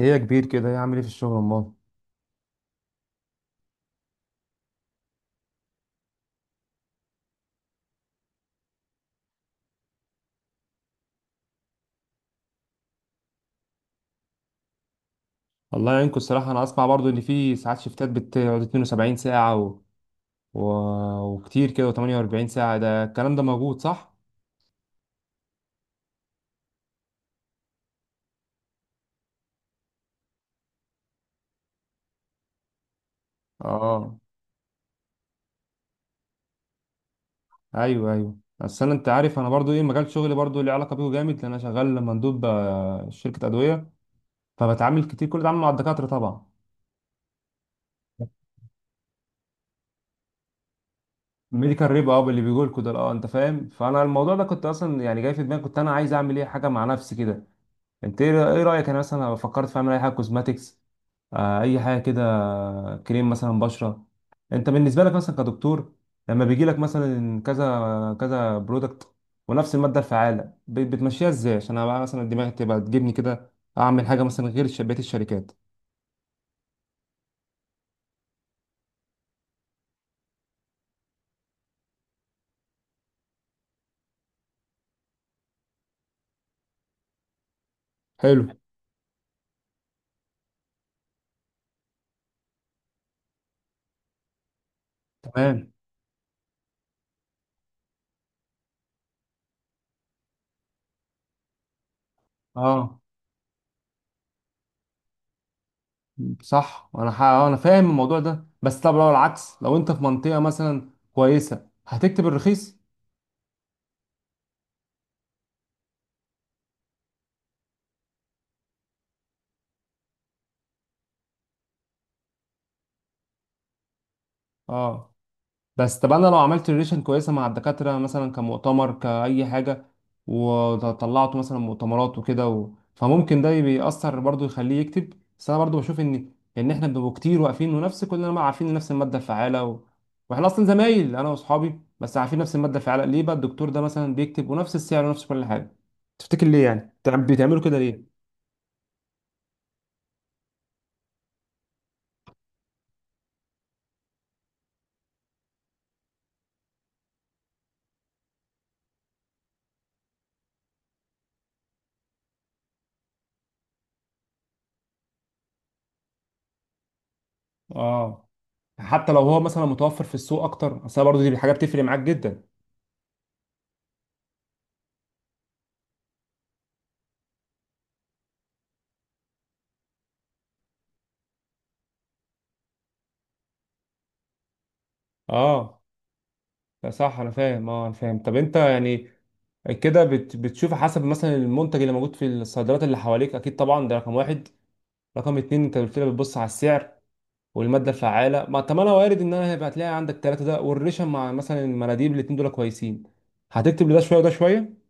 ايه يا كبير كده ايه عامل ايه في الشغل امال؟ والله يعينكم. الصراحه انا اسمع برضو ان في ساعات شيفتات بتقعد 72 ساعه و... وكتير كده و48 ساعه. ده الكلام ده موجود صح؟ اه، ايوه ايوه، بس انا انت عارف انا برضو ايه مجال شغلي برضو ليه علاقه بيه جامد، لان انا شغال مندوب شركه ادويه، فبتعامل كتير كل ده عامل مع الدكاتره طبعا. ميديكال ريب، اه اللي بيقول كده، اه انت فاهم. فانا الموضوع ده كنت اصلا يعني جاي في دماغي، كنت انا عايز اعمل ايه حاجه مع نفسي كده. انت إيه رايك انا مثلا لو فكرت في اعمل اي حاجه كوزماتيكس، اي حاجه كده، كريم مثلا بشره. انت بالنسبه لك مثلا كدكتور لما بيجي لك مثلا كذا كذا برودكت ونفس الماده الفعاله، بتمشيها ازاي؟ عشان انا بقى مثلا دماغي تبقى تجيبني كده اعمل حاجه مثلا غير بقيه الشركات. حلو. تمام، اه. صح، انا ح- آه، انا فاهم الموضوع ده، بس طب لو العكس، لو انت في منطقه مثلا كويسه هتكتب الرخيص؟ اه. بس طب انا لو عملت ريليشن كويسه مع الدكاتره مثلا كمؤتمر كاي حاجه، وطلعته مثلا مؤتمرات وكده فممكن ده بيأثر برضو يخليه يكتب. بس انا برضو بشوف ان احنا بنبقى كتير واقفين ونفس كلنا بقى عارفين نفس الماده الفعاله، واحنا اصلا زمايل انا واصحابي، بس عارفين نفس الماده الفعاله. ليه بقى الدكتور ده مثلا بيكتب، ونفس السعر ونفس كل حاجه؟ تفتكر ليه يعني بتعملوا كده ليه؟ اه. حتى لو هو مثلا متوفر في السوق اكتر، اصل برضو دي حاجه بتفرق معاك جدا. اه، لا صح انا فاهم، اه انا فاهم. طب انت يعني كده بتشوف حسب مثلا المنتج اللي موجود في الصيدليات اللي حواليك، اكيد طبعا ده رقم 1. رقم 2 انت قلت لي بتبص على السعر والماده الفعاله. ما طب انا وارد ان انا هيبقى هتلاقي عندك ثلاثه، ده والريشه مع مثلا المناديب الاتنين دول كويسين، هتكتب لده شويه وده شويه.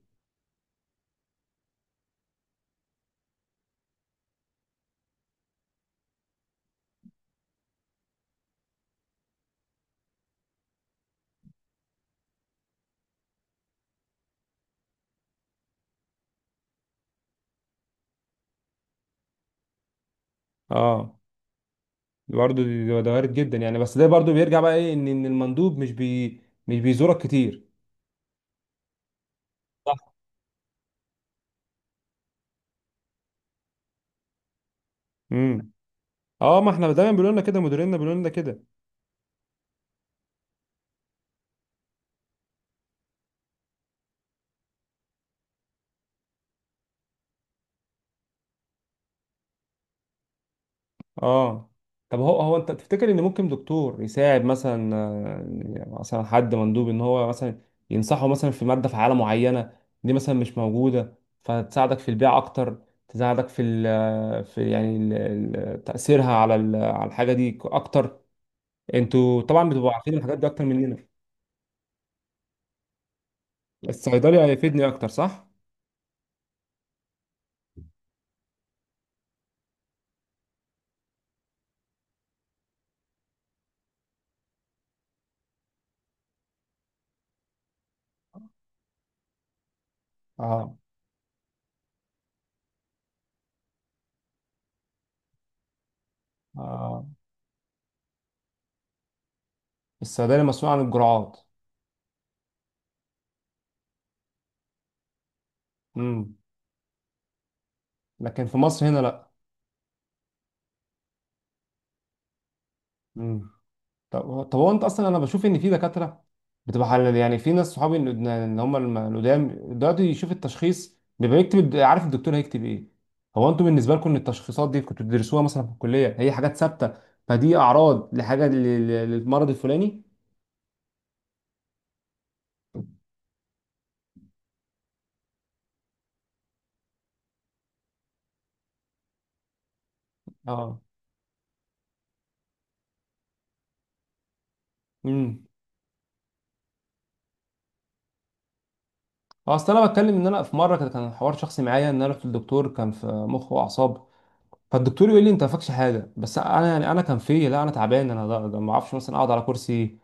اه. برضه ده وارد جدا يعني، بس ده برضه بيرجع بقى ايه؟ ان إن المندوب مش بيزورك كتير. صح. امم. اه، ما احنا دايما بيقولوا لنا كده، مديريننا بيقولوا لنا كده. اه. طب هو انت تفتكر ان ممكن دكتور يساعد مثلا، مثلا حد مندوب، ان هو مثلا ينصحه مثلا في ماده فعاله معينه دي مثلا مش موجوده، فتساعدك في البيع اكتر؟ تساعدك في ال آه، في يعني ال- ال- تاثيرها على الحاجه دي اكتر. انتوا طبعا بتبقوا عارفين الحاجات دي اكتر مننا. الصيدلي هيفيدني اكتر، صح؟ اه. اه. الصيدلي مسؤول عن الجرعات. امم. لكن في مصر هنا. لا. طب هو انت اصلا، انا بشوف ان في دكاتره بتبقى حلال، يعني في ناس صحابي إن هم القدام دلوقتي يشوف التشخيص بيبقى يكتب عارف الدكتور هيكتب ايه. هو انتوا بالنسبه لكم ان التشخيصات دي كنتوا بتدرسوها مثلا في الكليه، هي حاجات ثابته؟ فدي اعراض لحاجه للمرض الفلاني. اه. امم اصل انا بتكلم ان انا في مره كان حوار شخصي معايا، ان انا رحت للدكتور، كان في مخ واعصاب، فالدكتور يقول لي انت ما فاكش حاجه، بس انا يعني انا كان في لا انا تعبان انا ده- ده ما اعرفش مثلا اقعد على كرسي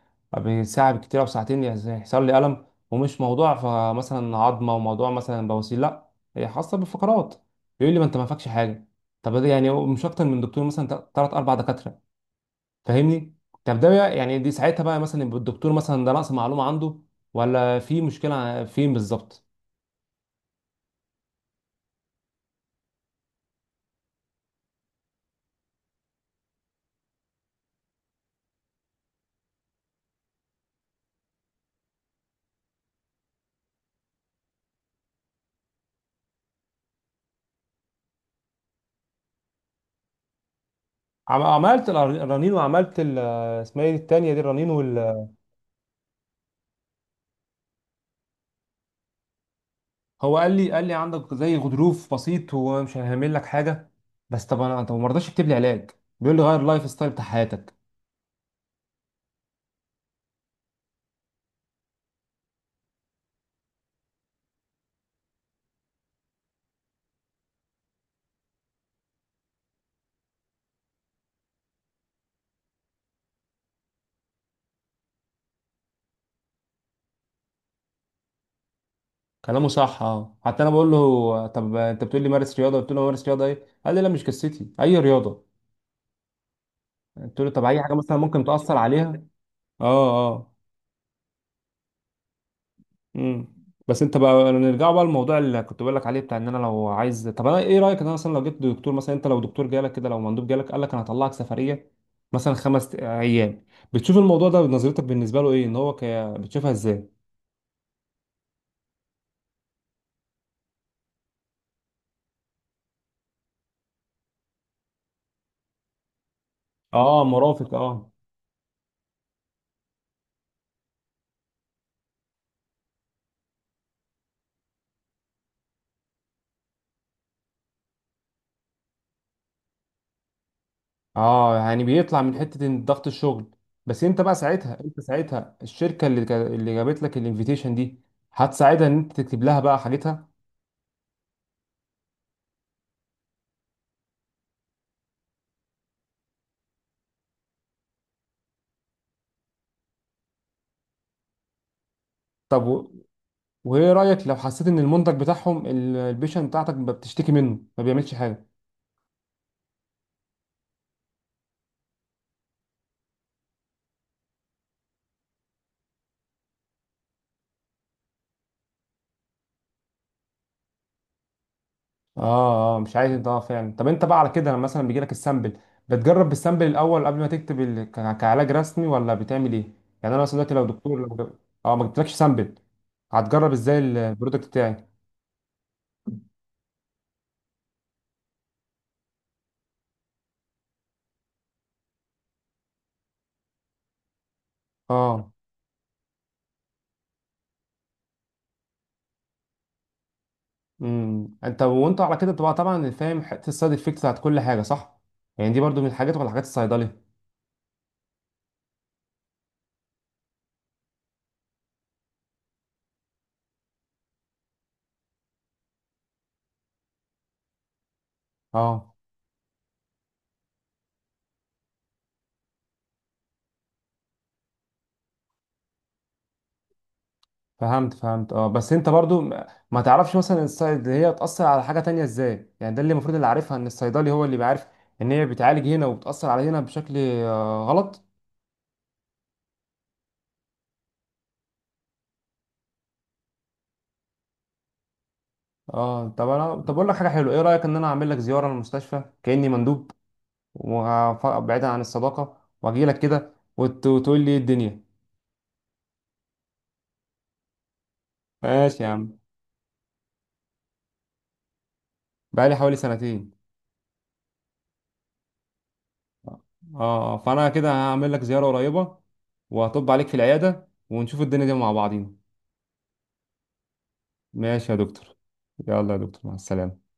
ساعه بالكتير او ساعتين، يعني يحصل لي الم، ومش موضوع فمثلا عظمه، وموضوع مثلا بواسير لا، هي خاصه بالفقرات. يقول لي ما انت ما فاكش حاجه. طب ده يعني مش اكتر من دكتور مثلا، ثلاث اربع دكاتره، فاهمني؟ طب يعني دي ساعتها بقى مثلا يبقى الدكتور مثلا ده نقص معلومه عنده، ولا في مشكله فين بالظبط؟ عملت الرنين، وعملت اسمها ايه التانيه دي؟ الرنين. هو قال لي عندك زي غضروف بسيط، هو مش هيعمل لك حاجه. بس طب انا، ما رضاش يكتب لي علاج، بيقول لي غير اللايف ستايل بتاع حياتك. كلامه صح، اه. حتى انا بقول له طب انت بتقول لي مارس رياضه، قلت له مارس رياضه ايه؟ قال لي لا مش قصتي اي رياضه. قلت له طب اي حاجه مثلا ممكن تاثر عليها. اه. اه. امم بس انت بقى نرجع بقى للموضوع اللي كنت بقول لك عليه، بتاع ان انا لو عايز. طب انا ايه رايك ان انا مثلا لو جبت دكتور، مثلا انت لو دكتور جالك كده، لو مندوب جالك قال لك انا هطلعك سفريه مثلا 5 ايام، بتشوف الموضوع ده نظرتك بالنسبه له ايه؟ ان هو بتشوفها ازاي؟ اه، مرافق، اه. اه، يعني بيطلع من حته إن ضغط الشغل. بس انت بقى ساعتها الشركه اللي اللي جابت لك الانفيتيشن دي، هتساعدها ان انت تكتب لها بقى حاجتها. طب وايه رايك لو حسيت ان المنتج بتاعهم البيشن بتاعتك بتشتكي منه، ما بيعملش حاجه؟ اه. اه، مش عايز انت. اه فعلا. طب انت بقى على كده لما مثلا بيجي لك السامبل، بتجرب السامبل الاول قبل ما تكتب كعلاج رسمي، ولا بتعمل ايه؟ يعني انا مثلا دلوقتي لو دكتور اه، ما جبتلكش سامبل، هتجرب ازاي البرودكت بتاعي؟ اه. انت وانت على كده بتبقى طبعا فاهم حته السايد افكت بتاعت كل حاجه، صح؟ يعني دي برضو من الحاجات، ولا حاجات الصيدليه؟ اه. فهمت فهمت، اه. بس انت برضو ما تعرفش مثلا الصيد هي بتأثر على حاجة تانية ازاي، يعني ده اللي المفروض اللي عارفها ان الصيدلي هو اللي بيعرف ان هي بتعالج هنا وبتأثر على هنا بشكل غلط. اه. طب انا طب اقول لك حاجة حلوة. ايه رأيك ان انا اعمل لك زيارة للمستشفى كأني مندوب، وبعيدا عن الصداقة، واجي لك كده وتقول لي ايه الدنيا؟ ماشي يا عم. بقالي حوالي سنتين. اه. فانا كده هعمل لك زيارة قريبة، وهطب عليك في العيادة، ونشوف الدنيا دي مع بعضينا. ماشي يا دكتور. يلا يا دكتور مع السلامة.